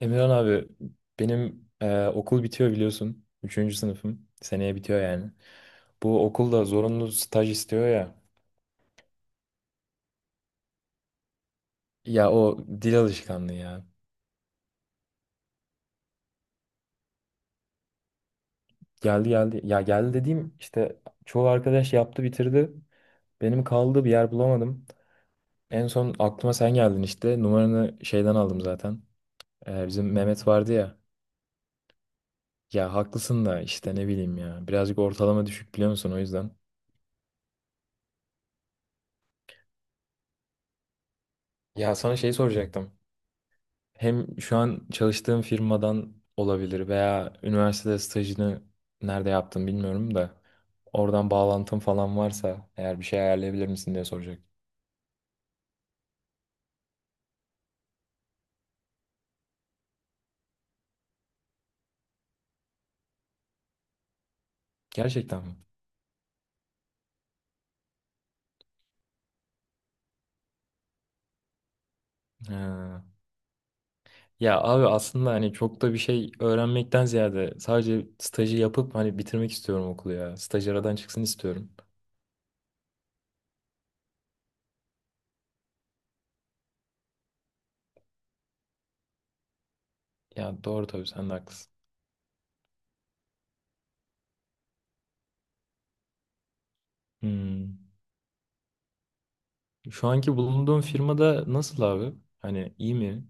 Emirhan abi benim okul bitiyor biliyorsun. Üçüncü sınıfım. Seneye bitiyor yani. Bu okulda zorunlu staj istiyor ya. Ya o dil alışkanlığı ya. Geldi geldi. Ya geldi dediğim işte çoğu arkadaş yaptı bitirdi. Benim kaldı bir yer bulamadım. En son aklıma sen geldin işte. Numaranı şeyden aldım zaten. Bizim Mehmet vardı ya. Ya haklısın da işte ne bileyim ya. Birazcık ortalama düşük biliyor musun o yüzden. Ya sana şey soracaktım. Hem şu an çalıştığım firmadan olabilir veya üniversitede stajını nerede yaptım bilmiyorum da oradan bağlantım falan varsa eğer bir şey ayarlayabilir misin diye soracak. Gerçekten mi? Ha. Ya abi aslında hani çok da bir şey öğrenmekten ziyade sadece stajı yapıp hani bitirmek istiyorum okulu ya. Staj aradan çıksın istiyorum. Ya doğru tabii sen de haklısın. Hmm. Şu anki bulunduğun firmada nasıl abi? Hani iyi mi?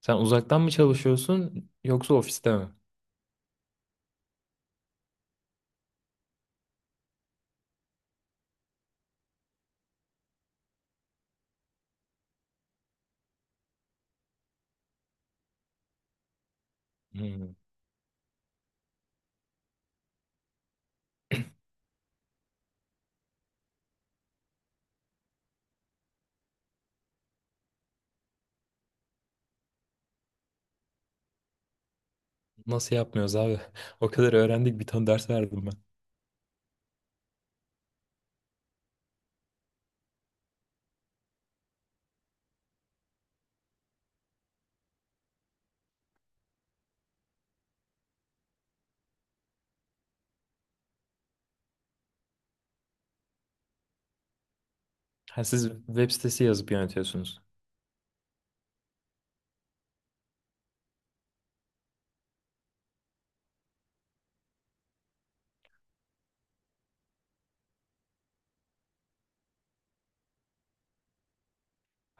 Sen uzaktan mı çalışıyorsun yoksa ofiste mi? Hmm. Nasıl yapmıyoruz abi? O kadar öğrendik, bir tane ders verdim ben. Ha, siz web sitesi yazıp yönetiyorsunuz.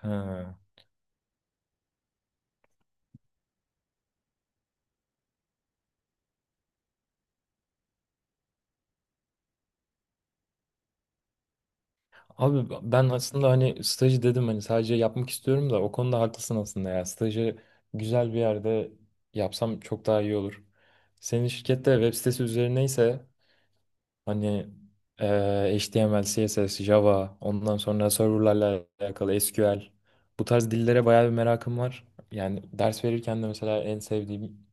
Ha. Abi ben aslında hani stajı dedim, hani sadece yapmak istiyorum da o konuda haklısın aslında ya. Stajı güzel bir yerde yapsam çok daha iyi olur. Senin şirkette web sitesi üzerineyse hani HTML, CSS, Java, ondan sonra serverlarla alakalı SQL. Bu tarz dillere bayağı bir merakım var. Yani ders verirken de mesela en sevdiğim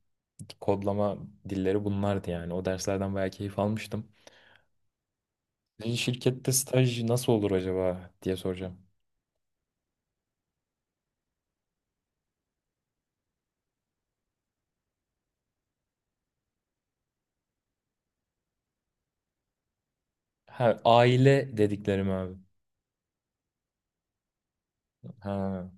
kodlama dilleri bunlardı yani. O derslerden bayağı keyif almıştım. Bir şirkette staj nasıl olur acaba diye soracağım. Ha, aile dediklerim abi. Ha.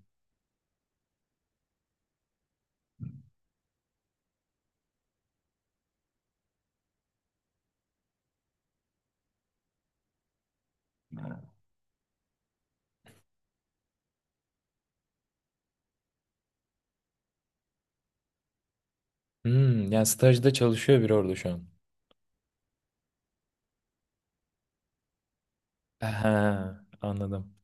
Hmm, yani stajda çalışıyor biri orada şu an. Ha, anladım.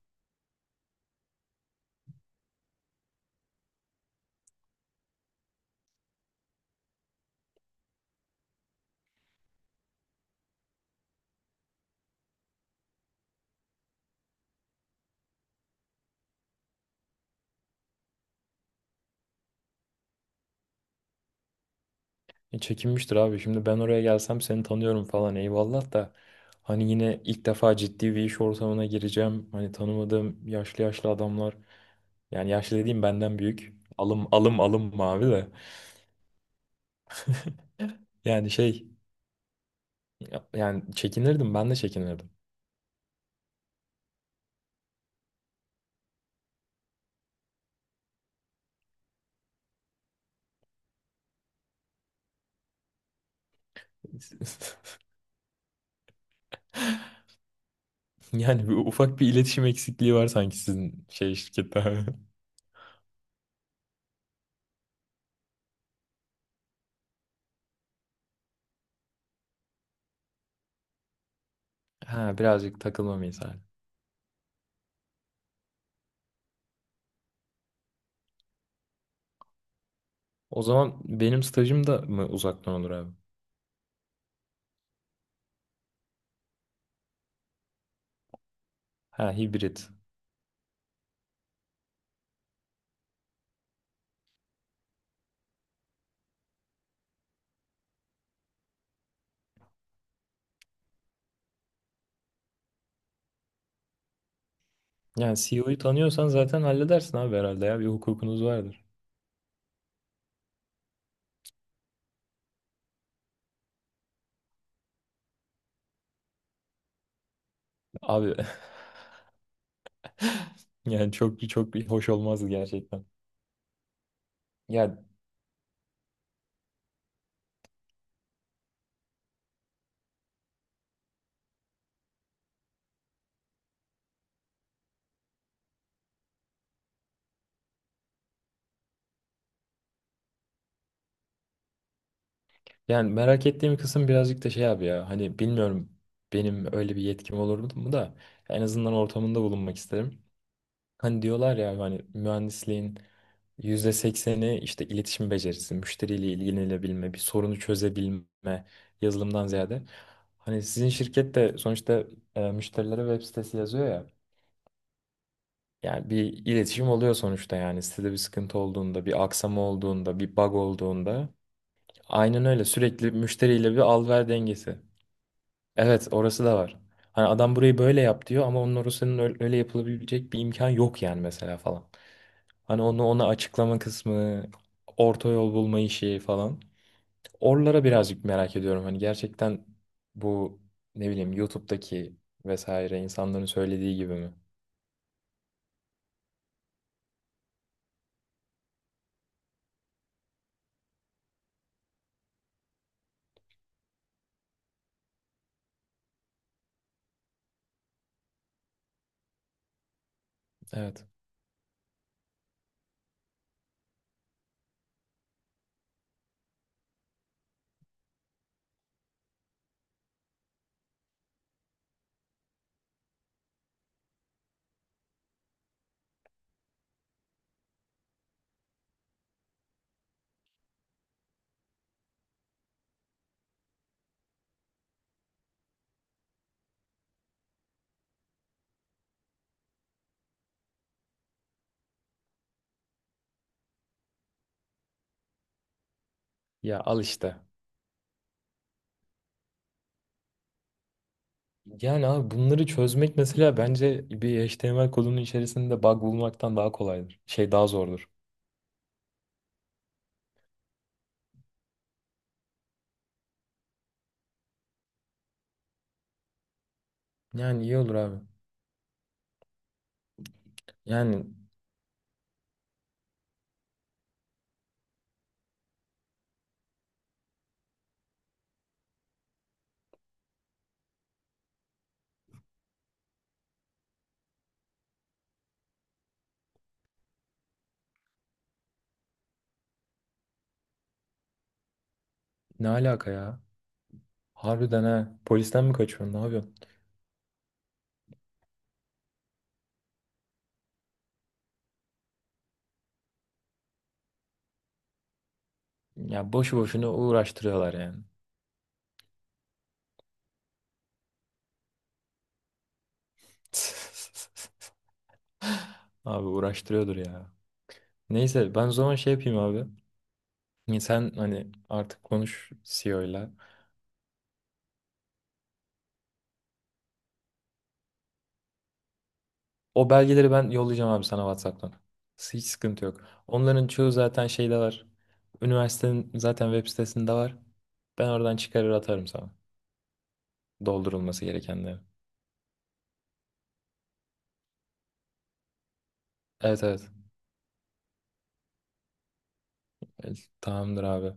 Çekinmiştir abi. Şimdi ben oraya gelsem seni tanıyorum falan eyvallah da hani yine ilk defa ciddi bir iş ortamına gireceğim. Hani tanımadığım yaşlı yaşlı adamlar, yani yaşlı dediğim benden büyük. Alım alım alım mavi de. Yani şey, yani çekinirdim, ben de çekinirdim. Yani bir, ufak bir iletişim eksikliği var sanki sizin şey şirkette. Ha, birazcık takılma misali. O zaman benim stajım da mı uzaktan olur abi? Ha, hibrit. Yani CEO'yu tanıyorsan zaten halledersin abi herhalde ya. Bir hukukunuz vardır. Abi. Yani çok çok bir hoş olmazdı gerçekten. Yani, yani merak ettiğim kısım birazcık da şey abi ya. Hani bilmiyorum, benim öyle bir yetkim olur mu da en azından ortamında bulunmak isterim. Hani diyorlar ya hani mühendisliğin %80'i işte iletişim becerisi, müşteriyle ilgilenebilme, bir sorunu çözebilme, yazılımdan ziyade. Hani sizin şirket de sonuçta müşterilere web sitesi yazıyor ya. Yani bir iletişim oluyor sonuçta, yani sitede bir sıkıntı olduğunda, bir aksama olduğunda, bir bug olduğunda. Aynen öyle, sürekli müşteriyle bir al-ver dengesi. Evet, orası da var. Hani adam burayı böyle yap diyor ama onun orasının öyle, öyle yapılabilecek bir imkan yok yani mesela falan. Hani onu ona açıklama kısmı, orta yol bulma işi falan. Oralara birazcık merak ediyorum. Hani gerçekten bu, ne bileyim, YouTube'daki vesaire insanların söylediği gibi mi? Evet. Ya al işte. Yani abi bunları çözmek mesela bence bir HTML kodunun içerisinde bug bulmaktan daha kolaydır. Şey daha zordur. Yani iyi olur abi. Yani ne alaka ya? Harbiden ha. Polisten mi kaçıyorsun? Ne yapıyorsun? Ya boşu boşuna uğraştırıyorlar yani. Abi uğraştırıyordur ya. Neyse ben o zaman şey yapayım abi. Sen hani artık konuş CEO'yla. O belgeleri ben yollayacağım abi sana WhatsApp'tan. Hiç sıkıntı yok. Onların çoğu zaten şeyde var. Üniversitenin zaten web sitesinde var. Ben oradan çıkarır atarım sana. Doldurulması gerekenleri. Evet evet. E, tamamdır abi.